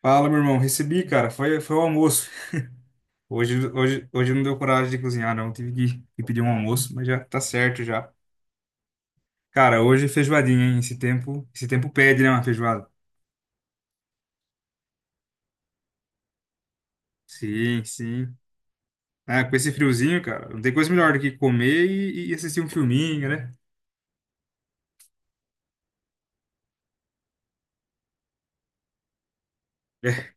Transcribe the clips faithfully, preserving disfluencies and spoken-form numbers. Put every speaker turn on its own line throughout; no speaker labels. Fala, meu irmão. Recebi, cara. Foi, foi o almoço. Hoje, hoje, hoje não deu coragem de cozinhar, não. Tive que, que pedir um almoço, mas já tá certo já. Cara, hoje é feijoadinha, hein? Esse tempo, esse tempo pede, né, uma feijoada? Sim, sim. Ah, com esse friozinho, cara, não tem coisa melhor do que comer e, e assistir um filminho, né? É,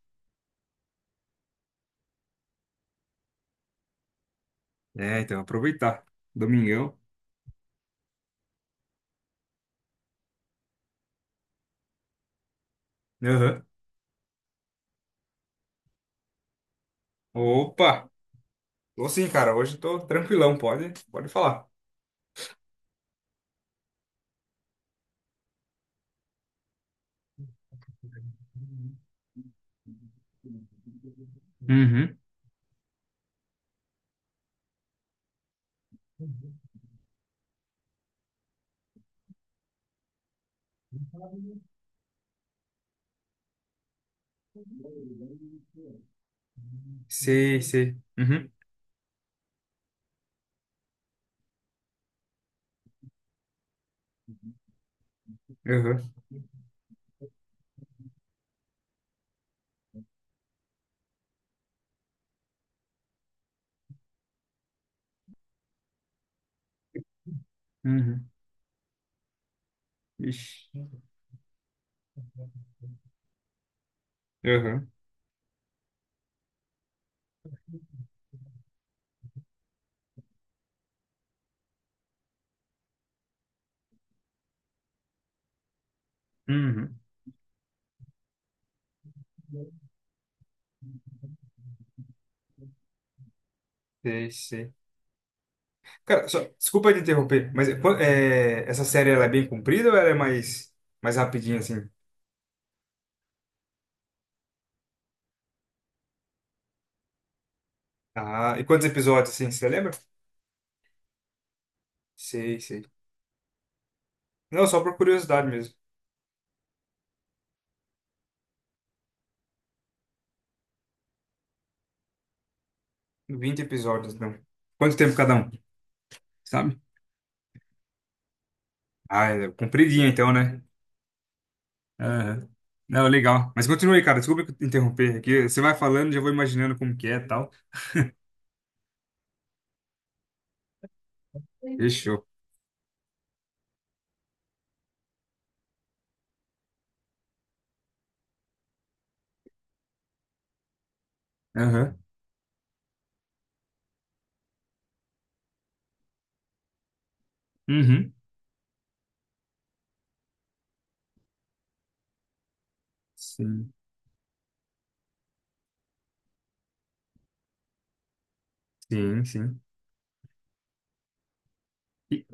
é, então, aproveitar. Domingão. Aham. Opa! Tô sim, cara. Hoje tô tranquilão, pode, pode falar. Uhum. Sei, sei. Uhum. Aham. Uhum. Ixi. Aham. Uhum. Sei, sei. Cara, só, desculpa te interromper, mas é, quan- é, essa série ela é bem comprida ou ela é mais, mais rapidinha, assim? Ah, e quantos episódios, assim, você lembra? Sei, sei. Não, só por curiosidade mesmo. Vinte episódios, não. Quanto tempo cada um, sabe? Ah, é compridinha então, né? Aham. Não, legal. Mas continue, aí, cara, desculpa te interromper aqui. Você vai falando, já vou imaginando como que é e tal. Fechou. Aham. Uhum. Sim, sim, sim. E-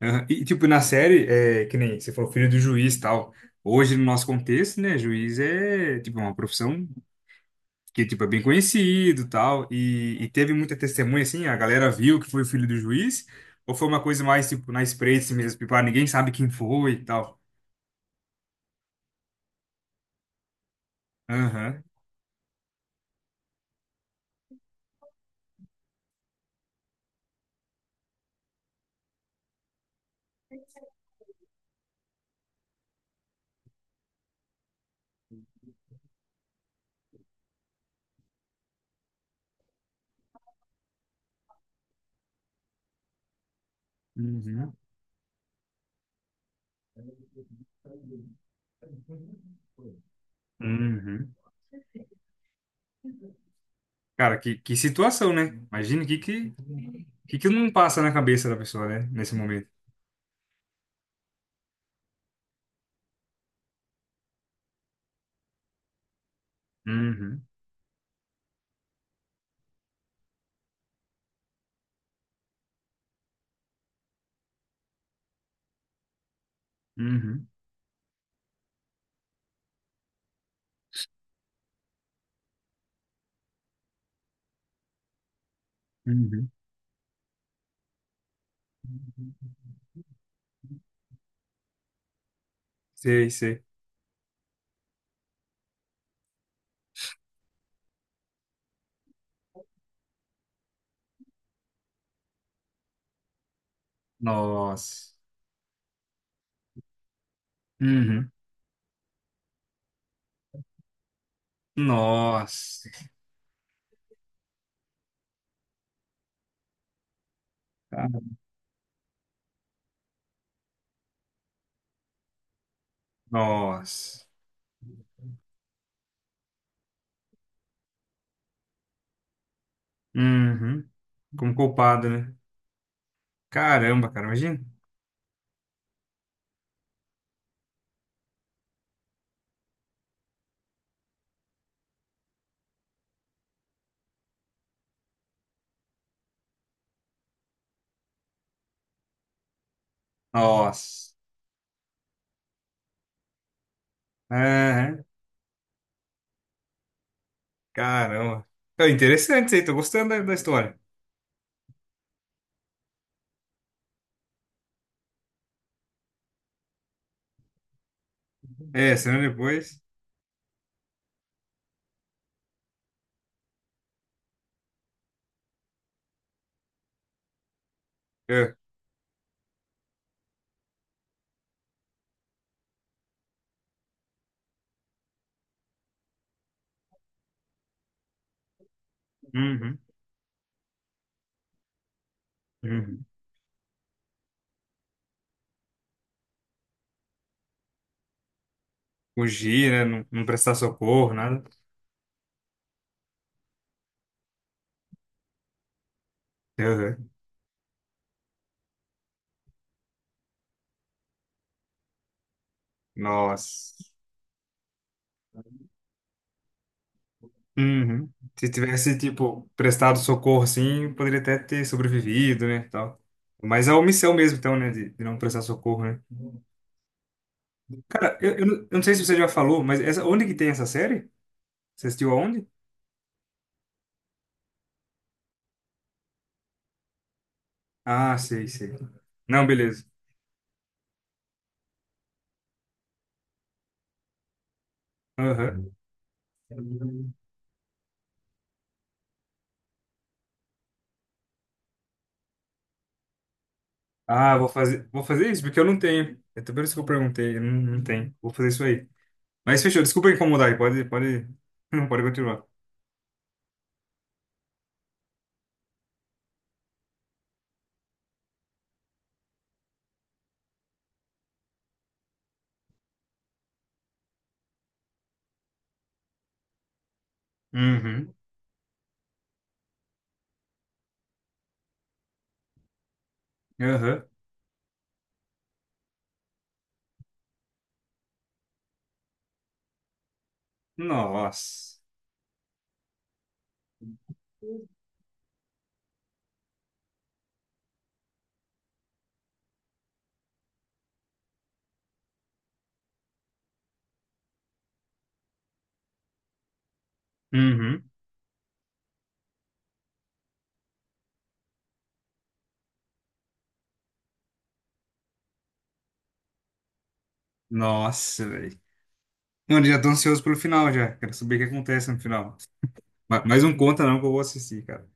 Aham. E, tipo, na série, é, que nem você falou, filho do juiz e tal. Hoje, no nosso contexto, né, juiz é, tipo, uma profissão que, tipo, é bem conhecido e tal. E, e teve muita testemunha, assim, a galera viu que foi o filho do juiz? Ou foi uma coisa mais, tipo, na espreita assim mesmo, tipo, ah, ninguém sabe quem foi e tal? Aham. Uhum. Uhum. Cara, que, que situação, né? Imagina o que, que, que que não passa na cabeça da pessoa, né, nesse momento. Uhum. Uhum. Uhum. Sei, sei. Nossa. Uhum. Nossa, tá? Nossa. Uhum. Como culpado, né? Caramba, cara, imagina. Nossa. Aham, caramba. É interessante isso aí, tô gostando da, da história. É, senão depois. É, uhum. Uhum. Fugir, né? Não, não prestar socorro, nada. Uhum. Nossa. Uhum. Se tivesse, tipo, prestado socorro assim, poderia até ter sobrevivido, né? Tal. Mas a omissão mesmo, então, né? De, de não prestar socorro, né? Cara, eu, eu, não eu não sei se você já falou, mas essa, onde que tem essa série? Você assistiu aonde? Ah, sei, sei. Não, beleza. Aham. Ah, vou fazer, vou fazer isso, porque eu não tenho. É até por isso que eu perguntei, eu não, não tenho. Vou fazer isso aí. Mas fechou, desculpa incomodar aí, pode, pode, pode continuar. Uhum. Aham. Nossa. Uhum. Nossa, velho. Mano, já tô ansioso pelo final já. Quero saber o que acontece no final. Ma- Mas não conta não que eu vou assistir, cara.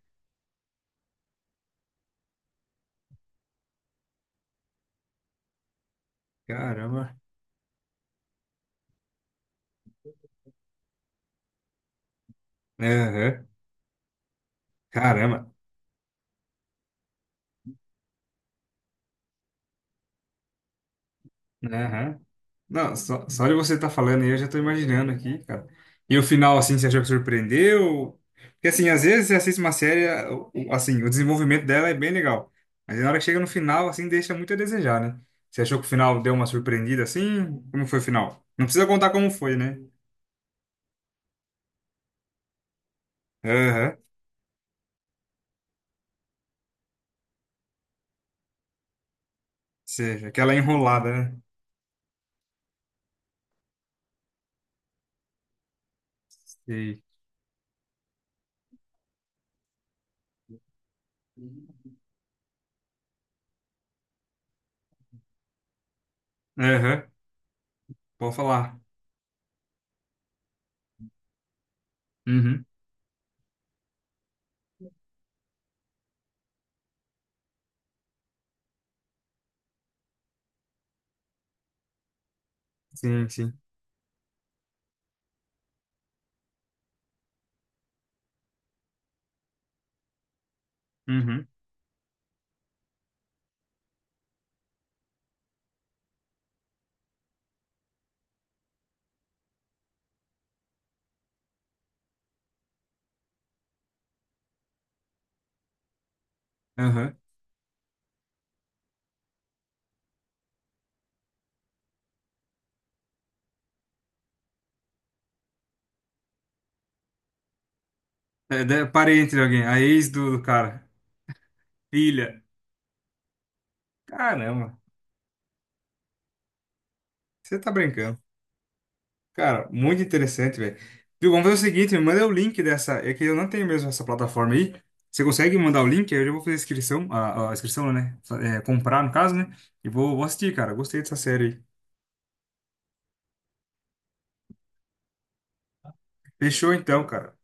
Caramba. Aham. Caramba. Aham. Não, só, só de você estar falando aí, eu já tô imaginando aqui, cara. E o final, assim, você achou que surpreendeu? Porque, assim, às vezes você assiste uma série, o- o- assim, o desenvolvimento dela é bem legal. Mas na hora que chega no final, assim, deixa muito a desejar, né? Você achou que o final deu uma surpreendida, assim? Como foi o final? Não precisa contar como foi, né? Aham. Seja, aquela enrolada, né? Sei. Aham. Pode falar. Uhum. Sim, sim. Uhum. Aham. É, de- parente de alguém, a ex do do cara. Filha. Caramba, você tá brincando. Cara, muito interessante, velho. Viu, vamos fazer o seguinte, me manda o link dessa. É que eu não tenho mesmo essa plataforma aí. Você consegue mandar o link? Aí eu já vou fazer a inscrição, a, a inscrição, né? É, comprar, no caso, né? E vou, vou assistir, cara. Gostei dessa série aí. Fechou então, cara.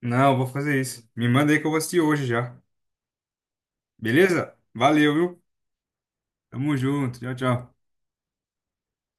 Não, eu vou fazer isso. Me manda aí que eu vou assistir hoje já. Beleza? Valeu, viu? Tamo junto. Tchau, tchau.